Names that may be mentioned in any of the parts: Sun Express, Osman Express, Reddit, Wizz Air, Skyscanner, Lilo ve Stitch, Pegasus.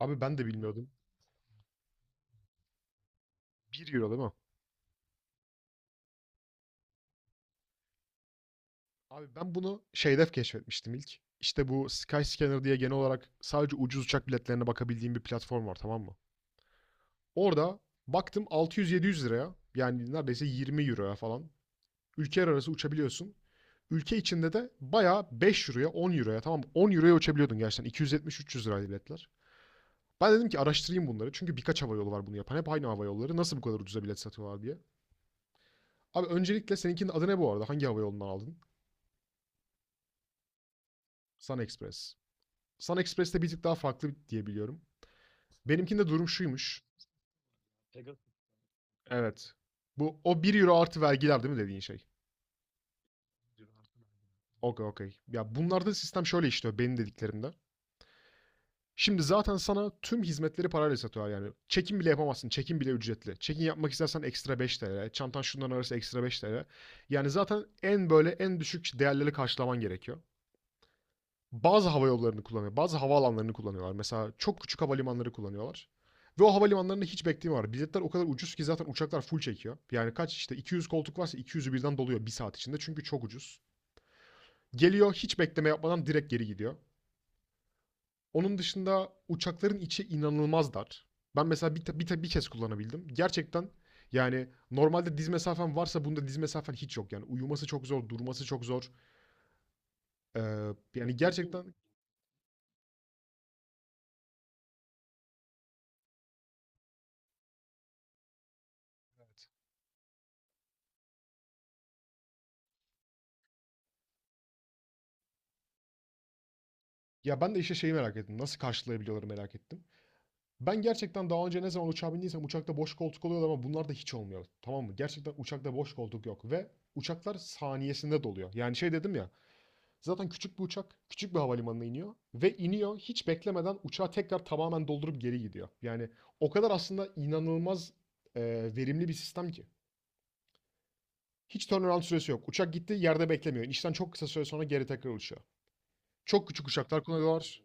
Abi ben de bilmiyordum. 1 euro değil mi? Abi ben bunu şeyde keşfetmiştim ilk. İşte bu Skyscanner diye genel olarak sadece ucuz uçak biletlerine bakabildiğim bir platform var tamam mı? Orada baktım 600-700 liraya yani neredeyse 20 euroya falan ülkeler arası uçabiliyorsun. Ülke içinde de bayağı 5 euroya 10 euroya tamam mı? 10 euroya uçabiliyordun gerçekten 270-300 liraydı biletler. Ben dedim ki araştırayım bunları çünkü birkaç hava yolu var bunu yapan hep aynı hava yolları nasıl bu kadar ucuza bilet satıyorlar diye. Abi öncelikle seninkinin adı ne bu arada hangi hava yolundan aldın? Sun Express. Sun Express'te bir tık daha farklı diyebiliyorum. Benimkinde durum şuymuş. Evet. Bu o 1 euro artı vergiler değil mi dediğin şey? Okey okey. Ya bunlarda sistem şöyle işliyor benim dediklerimde. Şimdi zaten sana tüm hizmetleri parayla satıyorlar yani. Çekim bile yapamazsın. Çekim bile ücretli. Çekim yapmak istersen ekstra 5 lira, çantan şundan arası ekstra 5 lira. Yani zaten en böyle en düşük değerleri karşılaman gerekiyor. Bazı hava yollarını kullanıyor. Bazı havaalanlarını kullanıyorlar. Mesela çok küçük havalimanları kullanıyorlar. Ve o havalimanlarında hiç bekleme var. Biletler o kadar ucuz ki zaten uçaklar full çekiyor. Yani kaç işte 200 koltuk varsa 200'ü birden doluyor bir saat içinde. Çünkü çok ucuz. Geliyor hiç bekleme yapmadan direkt geri gidiyor. Onun dışında uçakların içi inanılmaz dar. Ben mesela bir kez kullanabildim. Gerçekten yani normalde diz mesafen varsa bunda diz mesafen hiç yok. Yani uyuması çok zor, durması çok zor. Ee, yani gerçekten. Ya ben de işte şeyi merak ettim. Nasıl karşılayabiliyorlar merak ettim. Ben gerçekten daha önce ne zaman uçağa bindiysem uçakta boş koltuk oluyordu ama bunlar da hiç olmuyor. Tamam mı? Gerçekten uçakta boş koltuk yok ve uçaklar saniyesinde doluyor. Yani şey dedim ya zaten küçük bir uçak küçük bir havalimanına iniyor ve iniyor hiç beklemeden uçağı tekrar tamamen doldurup geri gidiyor. Yani o kadar aslında inanılmaz e, verimli bir sistem ki. Hiç turnaround süresi yok. Uçak gitti yerde beklemiyor. İşten çok kısa süre sonra geri tekrar uçuyor. Çok küçük uçaklar kullanıyorlar.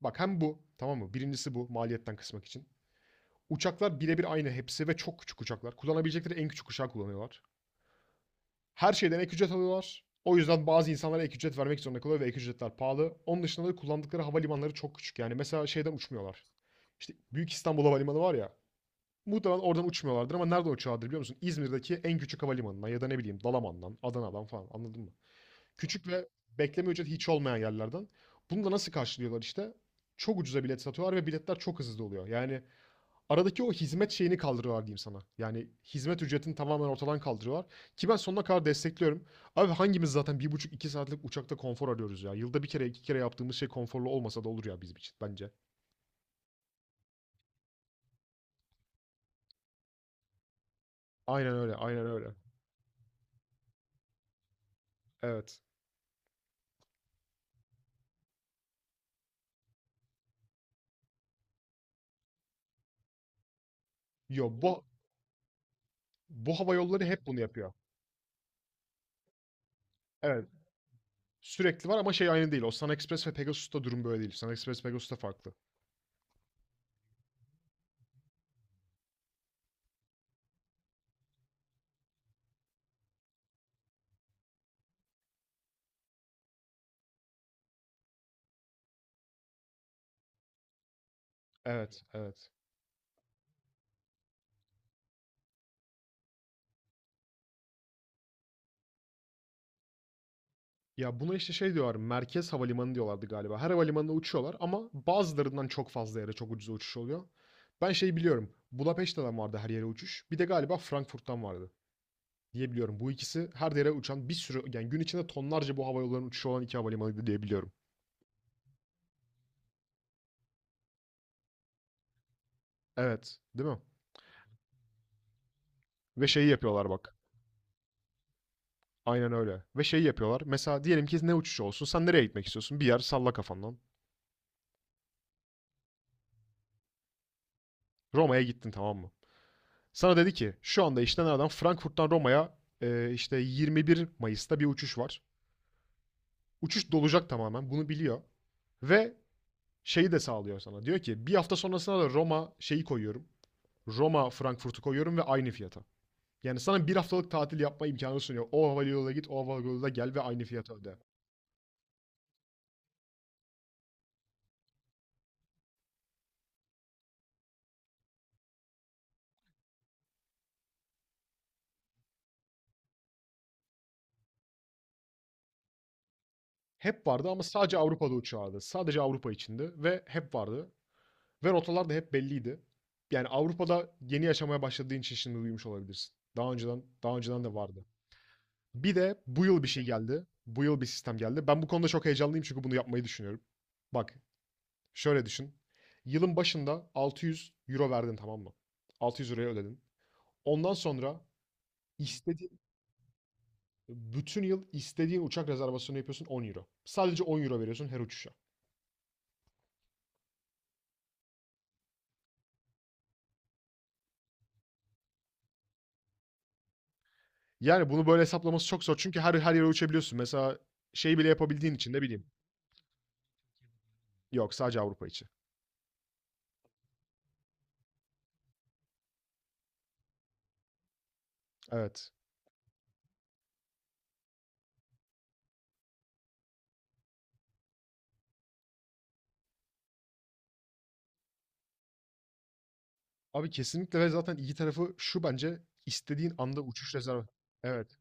Bak hem bu tamam mı? Birincisi bu maliyetten kısmak için. Uçaklar birebir aynı hepsi ve çok küçük uçaklar. Kullanabilecekleri en küçük uçağı kullanıyorlar. Her şeyden ek ücret alıyorlar. O yüzden bazı insanlara ek ücret vermek zorunda kalıyor ve ek ücretler pahalı. Onun dışında da kullandıkları havalimanları çok küçük. Yani mesela şeyden uçmuyorlar. İşte Büyük İstanbul Havalimanı var ya. Muhtemelen oradan uçmuyorlardır ama nereden uçuyorlardır biliyor musun? İzmir'deki en küçük havalimanından ya da ne bileyim Dalaman'dan, Adana'dan falan anladın mı? Küçük ve bekleme ücreti hiç olmayan yerlerden. Bunu da nasıl karşılıyorlar işte? Çok ucuza bilet satıyorlar ve biletler çok hızlı oluyor. Yani aradaki o hizmet şeyini kaldırıyorlar diyeyim sana. Yani hizmet ücretini tamamen ortadan kaldırıyorlar. Ki ben sonuna kadar destekliyorum. Abi hangimiz zaten bir buçuk iki saatlik uçakta konfor arıyoruz ya. Yılda bir kere iki kere yaptığımız şey konforlu olmasa da olur ya bizim için bence. Aynen öyle, aynen öyle. Evet. Yo bu hava yolları hep bunu yapıyor. Evet. Sürekli var ama şey aynı değil. Osman Express ve Pegasus'ta durum böyle değil. Osman Express Pegasus'ta farklı. Evet, evet. Ya buna işte şey diyorlar, merkez havalimanı diyorlardı galiba. Her havalimanına uçuyorlar ama bazılarından çok fazla yere çok ucuza uçuş oluyor. Ben şey biliyorum, Budapeşte'den vardı her yere uçuş. Bir de galiba Frankfurt'tan vardı. Diyebiliyorum. Bu ikisi her yere uçan bir sürü yani gün içinde tonlarca bu havayollarının uçuşu olan iki havalimanıydı diye biliyorum. Evet, değil mi? Ve şeyi yapıyorlar bak. Aynen öyle. Ve şeyi yapıyorlar. Mesela diyelim ki ne uçuşu olsun? Sen nereye gitmek istiyorsun? Bir yer salla kafandan. Roma'ya gittin tamam mı? Sana dedi ki şu anda işte nereden? Frankfurt'tan Roma'ya işte 21 Mayıs'ta bir uçuş var. Uçuş dolacak tamamen. Bunu biliyor. Ve şeyi de sağlıyor sana. Diyor ki bir hafta sonrasına da Roma şeyi koyuyorum. Roma Frankfurt'u koyuyorum ve aynı fiyata. Yani sana bir haftalık tatil yapma imkanı sunuyor. O havayoluyla git, o havayoluyla gel ve aynı fiyatı öde. Hep vardı ama sadece Avrupa'da uçağıydı. Sadece Avrupa içindi ve hep vardı. Ve rotalar da hep belliydi. Yani Avrupa'da yeni yaşamaya başladığın için şimdi duymuş olabilirsin. Daha önceden de vardı. Bir de bu yıl bir şey geldi. Bu yıl bir sistem geldi. Ben bu konuda çok heyecanlıyım çünkü bunu yapmayı düşünüyorum. Bak, şöyle düşün. Yılın başında 600 euro verdin tamam mı? 600 euroya ödedin. Ondan sonra istediğin bütün yıl istediğin uçak rezervasyonu yapıyorsun 10 euro. Sadece 10 euro veriyorsun her uçuşa. Yani bunu böyle hesaplaması çok zor çünkü her yere uçabiliyorsun. Mesela şey bile yapabildiğin için de bileyim. Yok sadece Avrupa içi. Evet. Abi kesinlikle ve zaten iyi tarafı şu bence istediğin anda uçuş rezervasyonu. Evet.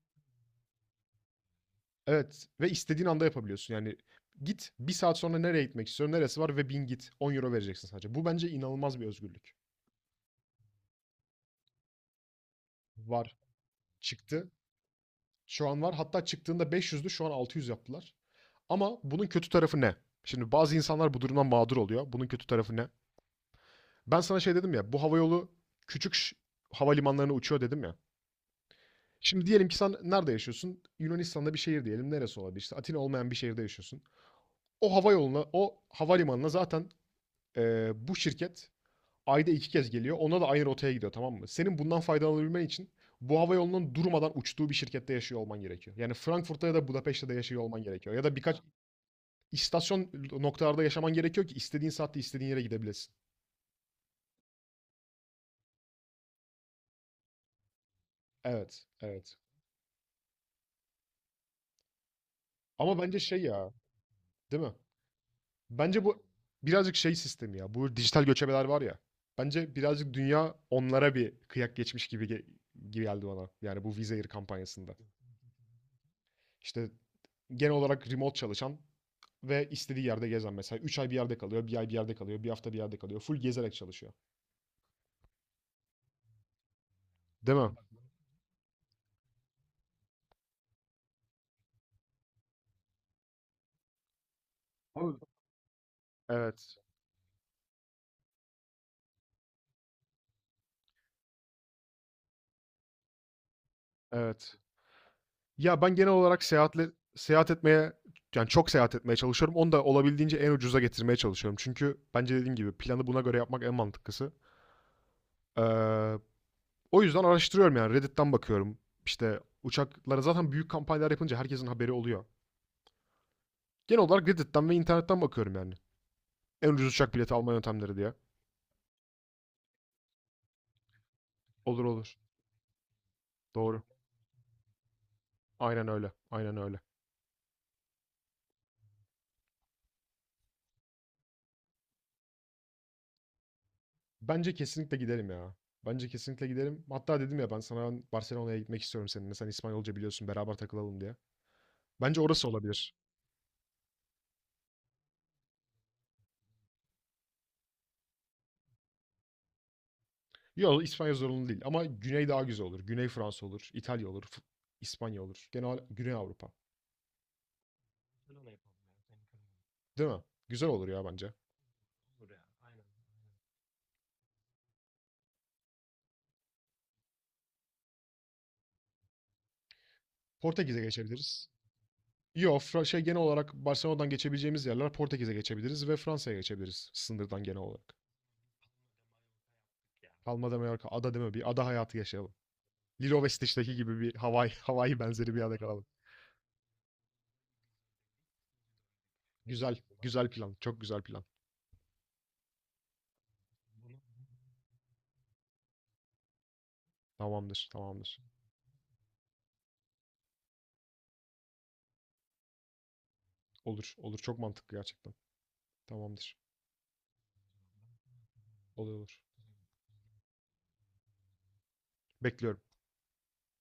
Evet ve istediğin anda yapabiliyorsun. Yani git bir saat sonra nereye gitmek istiyorum neresi var ve bin git 10 euro vereceksin sadece. Bu bence inanılmaz bir özgürlük. Var. Çıktı. Şu an var. Hatta çıktığında 500'dü şu an 600 yaptılar. Ama bunun kötü tarafı ne? Şimdi bazı insanlar bu durumdan mağdur oluyor. Bunun kötü tarafı ne? Ben sana şey dedim ya, bu havayolu küçük havalimanlarına uçuyor dedim ya. Şimdi diyelim ki sen nerede yaşıyorsun? Yunanistan'da bir şehir diyelim. Neresi olabilir? İşte Atina olmayan bir şehirde yaşıyorsun. O havayoluna, o havalimanına zaten bu şirket ayda iki kez geliyor. Ona da aynı rotaya gidiyor tamam mı? Senin bundan faydalanabilmen için bu havayolunun durmadan uçtuğu bir şirkette yaşıyor olman gerekiyor. Yani Frankfurt'ta ya da Budapeşte'de yaşıyor olman gerekiyor. Ya da birkaç istasyon noktalarda yaşaman gerekiyor ki istediğin saatte istediğin yere gidebilesin. Evet, evet. Ama bence şey ya, değil mi? Bence bu birazcık şey sistemi ya. Bu dijital göçebeler var ya. Bence birazcık dünya onlara bir kıyak geçmiş gibi geldi bana. Yani bu Wizz Air kampanyasında. İşte genel olarak remote çalışan ve istediği yerde gezen mesela. Üç ay bir yerde kalıyor, bir ay bir yerde kalıyor, bir hafta bir yerde kalıyor. Full gezerek çalışıyor. Değil mi? Abi, evet, evet. Ya ben genel olarak seyahat etmeye yani çok seyahat etmeye çalışıyorum. Onu da olabildiğince en ucuza getirmeye çalışıyorum. Çünkü bence dediğim gibi planı buna göre yapmak en mantıklısı. Ee, o yüzden araştırıyorum yani Reddit'ten bakıyorum. İşte uçaklara zaten büyük kampanyalar yapınca herkesin haberi oluyor. Genel olarak Reddit'ten ve internetten bakıyorum yani. En ucuz uçak bileti alma yöntemleri diye. Olur olur. Doğru. Aynen öyle. Aynen öyle. Bence kesinlikle gidelim ya. Bence kesinlikle gidelim. Hatta dedim ya ben sana ben Barcelona'ya gitmek istiyorum seninle. Sen İspanyolca biliyorsun beraber takılalım diye. Bence orası olabilir. Yok İspanya zorunlu değil ama Güney daha güzel olur. Güney Fransa olur, İtalya olur, İspanya olur. Genel Güney Avrupa. Barcelona yapalım ya. Senin kararın. Değil mi? Güzel olur ya bence. Olur ya. Aynen. Aynen. Portekiz'e geçebiliriz. Yok, şey genel olarak Barcelona'dan geçebileceğimiz yerler Portekiz'e geçebiliriz ve Fransa'ya geçebiliriz sınırdan genel olarak. Ya. Palma de Mallorca, ada değil mi? Bir ada hayatı yaşayalım. Lilo ve Stitch'teki gibi bir Hawaii, Hawaii benzeri bir yerde kalalım. Güzel, güzel plan, çok güzel plan. Tamamdır, tamamdır. Olur, olur. Çok mantıklı gerçekten. Tamamdır. Oluyor olur. Bekliyorum.